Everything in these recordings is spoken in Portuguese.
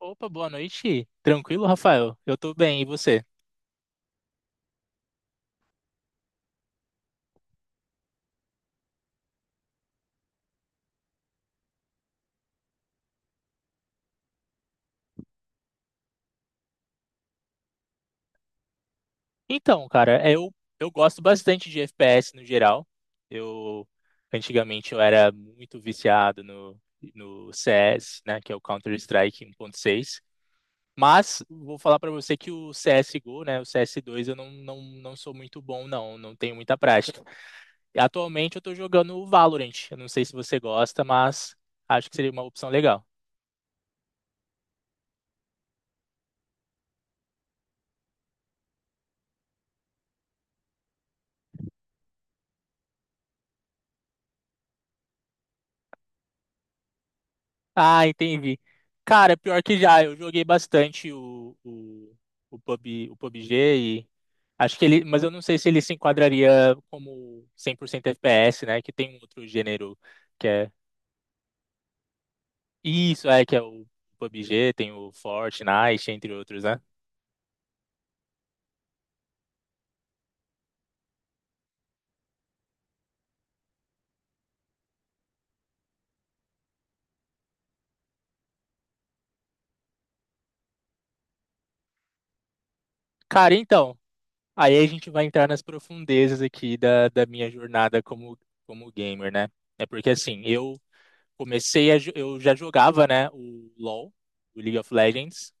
Opa, boa noite. Tranquilo, Rafael? Eu tô bem, e você? Então, cara, eu gosto bastante de FPS no geral. Eu Antigamente eu era muito viciado no CS, né, que é o Counter-Strike 1.6. Mas vou falar pra você que o CSGO, né, o CS2, eu não sou muito bom, não tenho muita prática. E atualmente eu tô jogando o Valorant. Eu não sei se você gosta, mas acho que seria uma opção legal. Ah, entendi. Cara, pior que já, eu joguei bastante o PUBG e acho que ele, mas eu não sei se ele se enquadraria como 100% FPS, né? Que tem um outro gênero que é isso, é que é o PUBG, tem o Fortnite, entre outros, né? Cara, então, aí a gente vai entrar nas profundezas aqui da minha jornada como gamer, né? É porque assim, eu comecei a, jo- eu já jogava, né, o LoL, o League of Legends,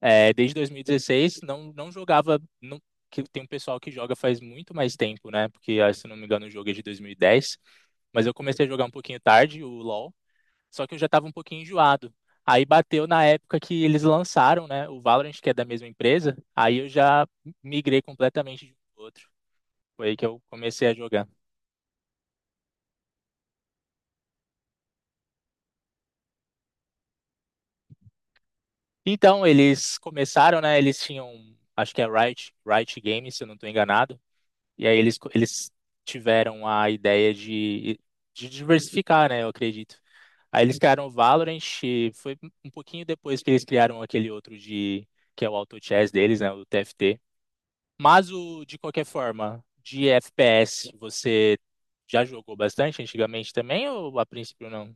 desde 2016, não, não jogava, não, que tem um pessoal que joga faz muito mais tempo, né? Porque ah, se não me engano o jogo é de 2010, mas eu comecei a jogar um pouquinho tarde o LoL, só que eu já estava um pouquinho enjoado. Aí bateu na época que eles lançaram, né, o Valorant, que é da mesma empresa, aí eu já migrei completamente de um pro outro. Foi aí que eu comecei a jogar. Então, eles começaram, né? Eles tinham, acho que é Riot, Riot Games, se eu não estou enganado. E aí eles tiveram a ideia de diversificar, né? Eu acredito. Aí eles criaram o Valorant, e foi um pouquinho depois que eles criaram aquele outro de, que é o Auto Chess deles, né? O TFT. De qualquer forma, de FPS, você já jogou bastante antigamente também, ou a princípio não?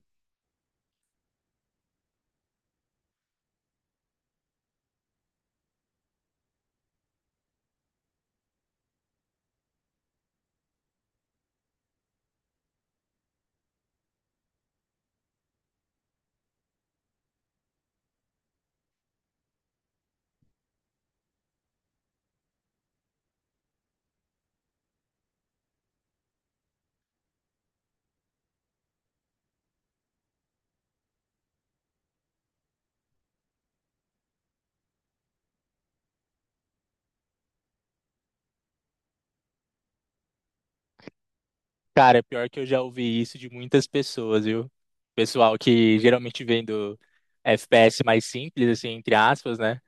Cara, pior que eu já ouvi isso de muitas pessoas, viu? Pessoal que geralmente vem do FPS mais simples, assim, entre aspas, né?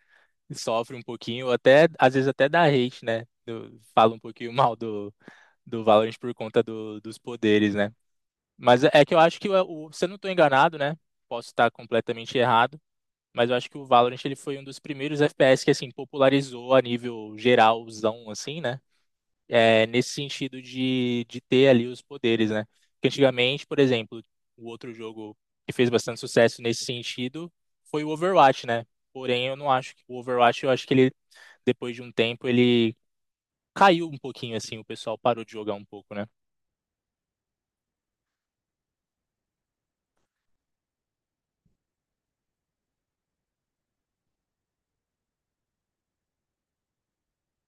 Sofre um pouquinho, ou até, às vezes até dá hate, né? Fala um pouquinho mal do Valorant por conta dos poderes, né? Mas é que eu acho que, se eu não tô enganado, né? Posso estar completamente errado, mas eu acho que o Valorant ele foi um dos primeiros FPS que, assim, popularizou a nível geralzão, assim, né? Nesse sentido de ter ali os poderes, né? Porque antigamente, por exemplo, o outro jogo que fez bastante sucesso nesse sentido foi o Overwatch, né? Porém, eu não acho que o Overwatch, eu acho que ele, depois de um tempo, ele caiu um pouquinho, assim, o pessoal parou de jogar um pouco, né?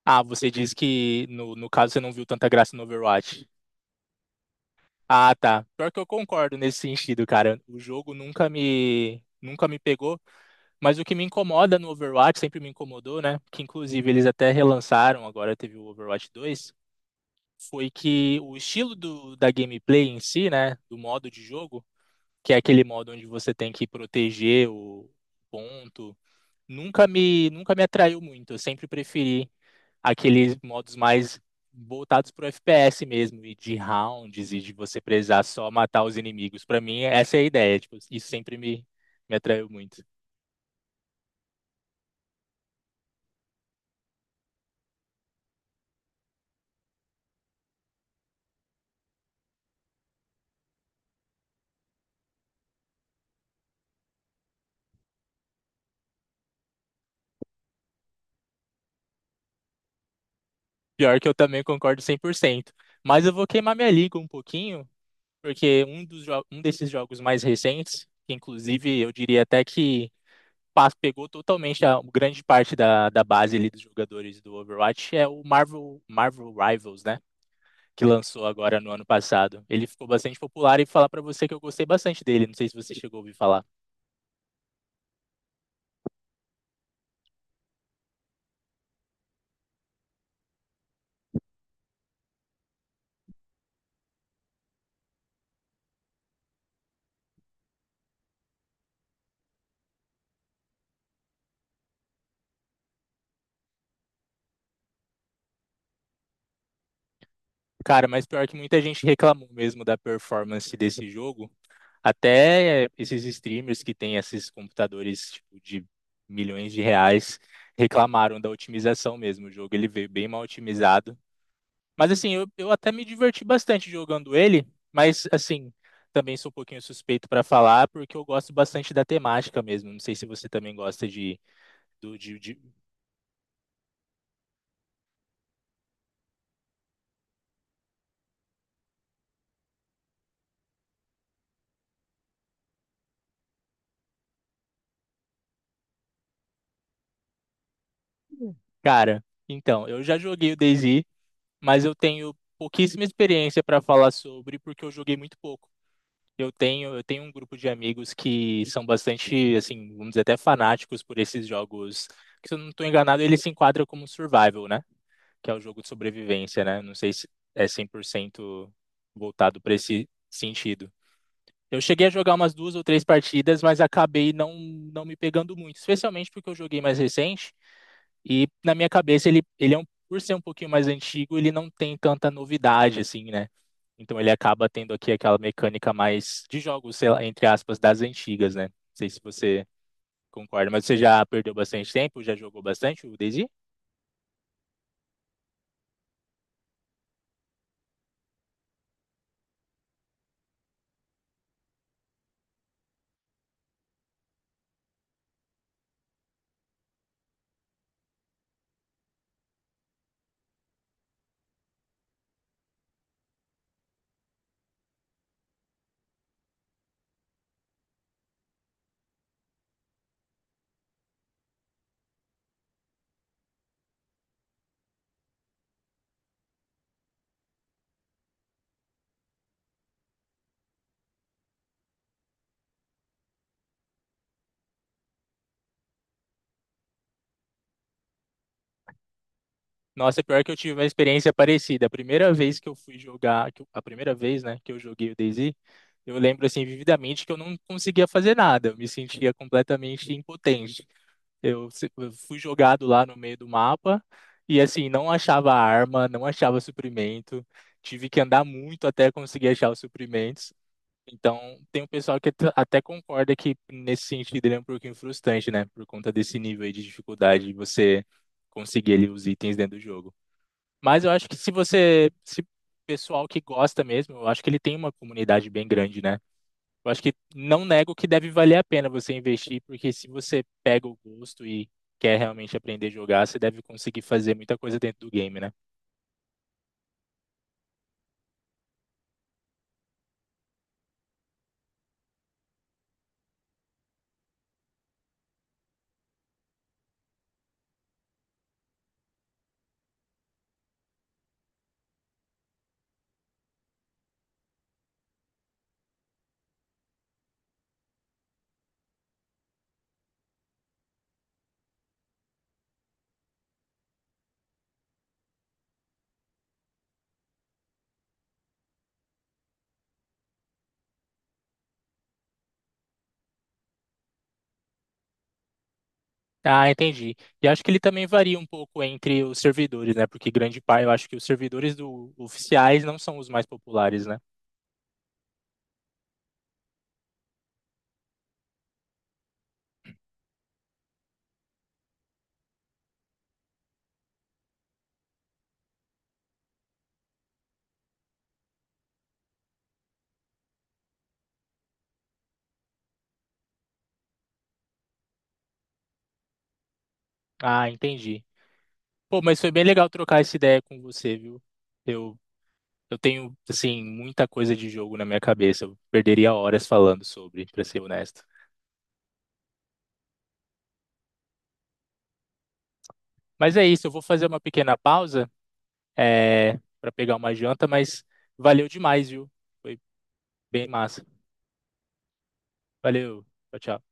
Ah, você diz que no caso você não viu tanta graça no Overwatch. Ah, tá. Pior que eu concordo nesse sentido, cara. O jogo nunca me pegou. Mas o que me incomoda no Overwatch, sempre me incomodou, né? Que inclusive eles até relançaram, agora teve o Overwatch 2, foi que o estilo do, da gameplay em si, né? Do modo de jogo, que é aquele modo onde você tem que proteger o ponto, nunca me atraiu muito. Eu sempre preferi aqueles modos mais voltados pro FPS mesmo, e de rounds, e de você precisar só matar os inimigos. Pra mim, essa é a ideia, tipo, isso sempre me atraiu muito. Pior que eu também concordo 100%. Mas eu vou queimar minha língua um pouquinho, porque um desses jogos mais recentes, que inclusive eu diria até que pegou totalmente a grande parte da base ali dos jogadores do Overwatch, é o Marvel Rivals, né? Que lançou agora no ano passado. Ele ficou bastante popular e falar pra você que eu gostei bastante dele. Não sei se você chegou a ouvir falar. Cara, mas pior que muita gente reclamou mesmo da performance desse jogo. Até esses streamers que têm esses computadores tipo, de milhões de reais reclamaram da otimização mesmo. O jogo ele veio bem mal otimizado. Mas assim, eu até me diverti bastante jogando ele, mas assim, também sou um pouquinho suspeito para falar porque eu gosto bastante da temática mesmo. Não sei se você também gosta de, do, de... Cara, então, eu já joguei o DayZ, mas eu tenho pouquíssima experiência para falar sobre porque eu joguei muito pouco. Eu tenho um grupo de amigos que são bastante, assim, vamos dizer, até fanáticos por esses jogos. Que, se eu não estou enganado, ele se enquadra como survival, né? Que é o jogo de sobrevivência, né? Não sei se é 100% voltado para esse sentido. Eu cheguei a jogar umas duas ou três partidas, mas acabei não me pegando muito, especialmente porque eu joguei mais recente. E na minha cabeça ele é um, por ser um pouquinho mais antigo, ele não tem tanta novidade assim, né? Então ele acaba tendo aqui aquela mecânica mais de jogos, sei lá, entre aspas, das antigas, né? Não sei se você concorda, mas você já perdeu bastante tempo, já jogou bastante o DayZ? Nossa, é pior que eu tive uma experiência parecida. A primeira vez que eu fui jogar, a primeira vez, né, que eu joguei o DayZ, eu lembro assim vividamente que eu não conseguia fazer nada, eu me sentia completamente impotente. Eu fui jogado lá no meio do mapa e assim, não achava arma, não achava suprimento. Tive que andar muito até conseguir achar os suprimentos. Então, tem um pessoal que até concorda que nesse sentido ele é um pouquinho frustrante, né? Por conta desse nível aí de dificuldade de você conseguir ali os itens dentro do jogo. Mas eu acho que se você, se pessoal que gosta mesmo, eu acho que ele tem uma comunidade bem grande, né? Eu acho que não nego que deve valer a pena você investir, porque se você pega o gosto e quer realmente aprender a jogar, você deve conseguir fazer muita coisa dentro do game, né? Ah, entendi. E acho que ele também varia um pouco entre os servidores, né? Porque grande parte, eu acho que os servidores oficiais não são os mais populares, né? Ah, entendi. Pô, mas foi bem legal trocar essa ideia com você, viu? Eu, eu tenho, assim, muita coisa de jogo na minha cabeça. Eu perderia horas falando sobre, pra ser honesto. Mas é isso, eu vou fazer uma pequena pausa. Para pegar uma janta, mas valeu demais, viu? Foi bem massa. Valeu. Tchau, tchau.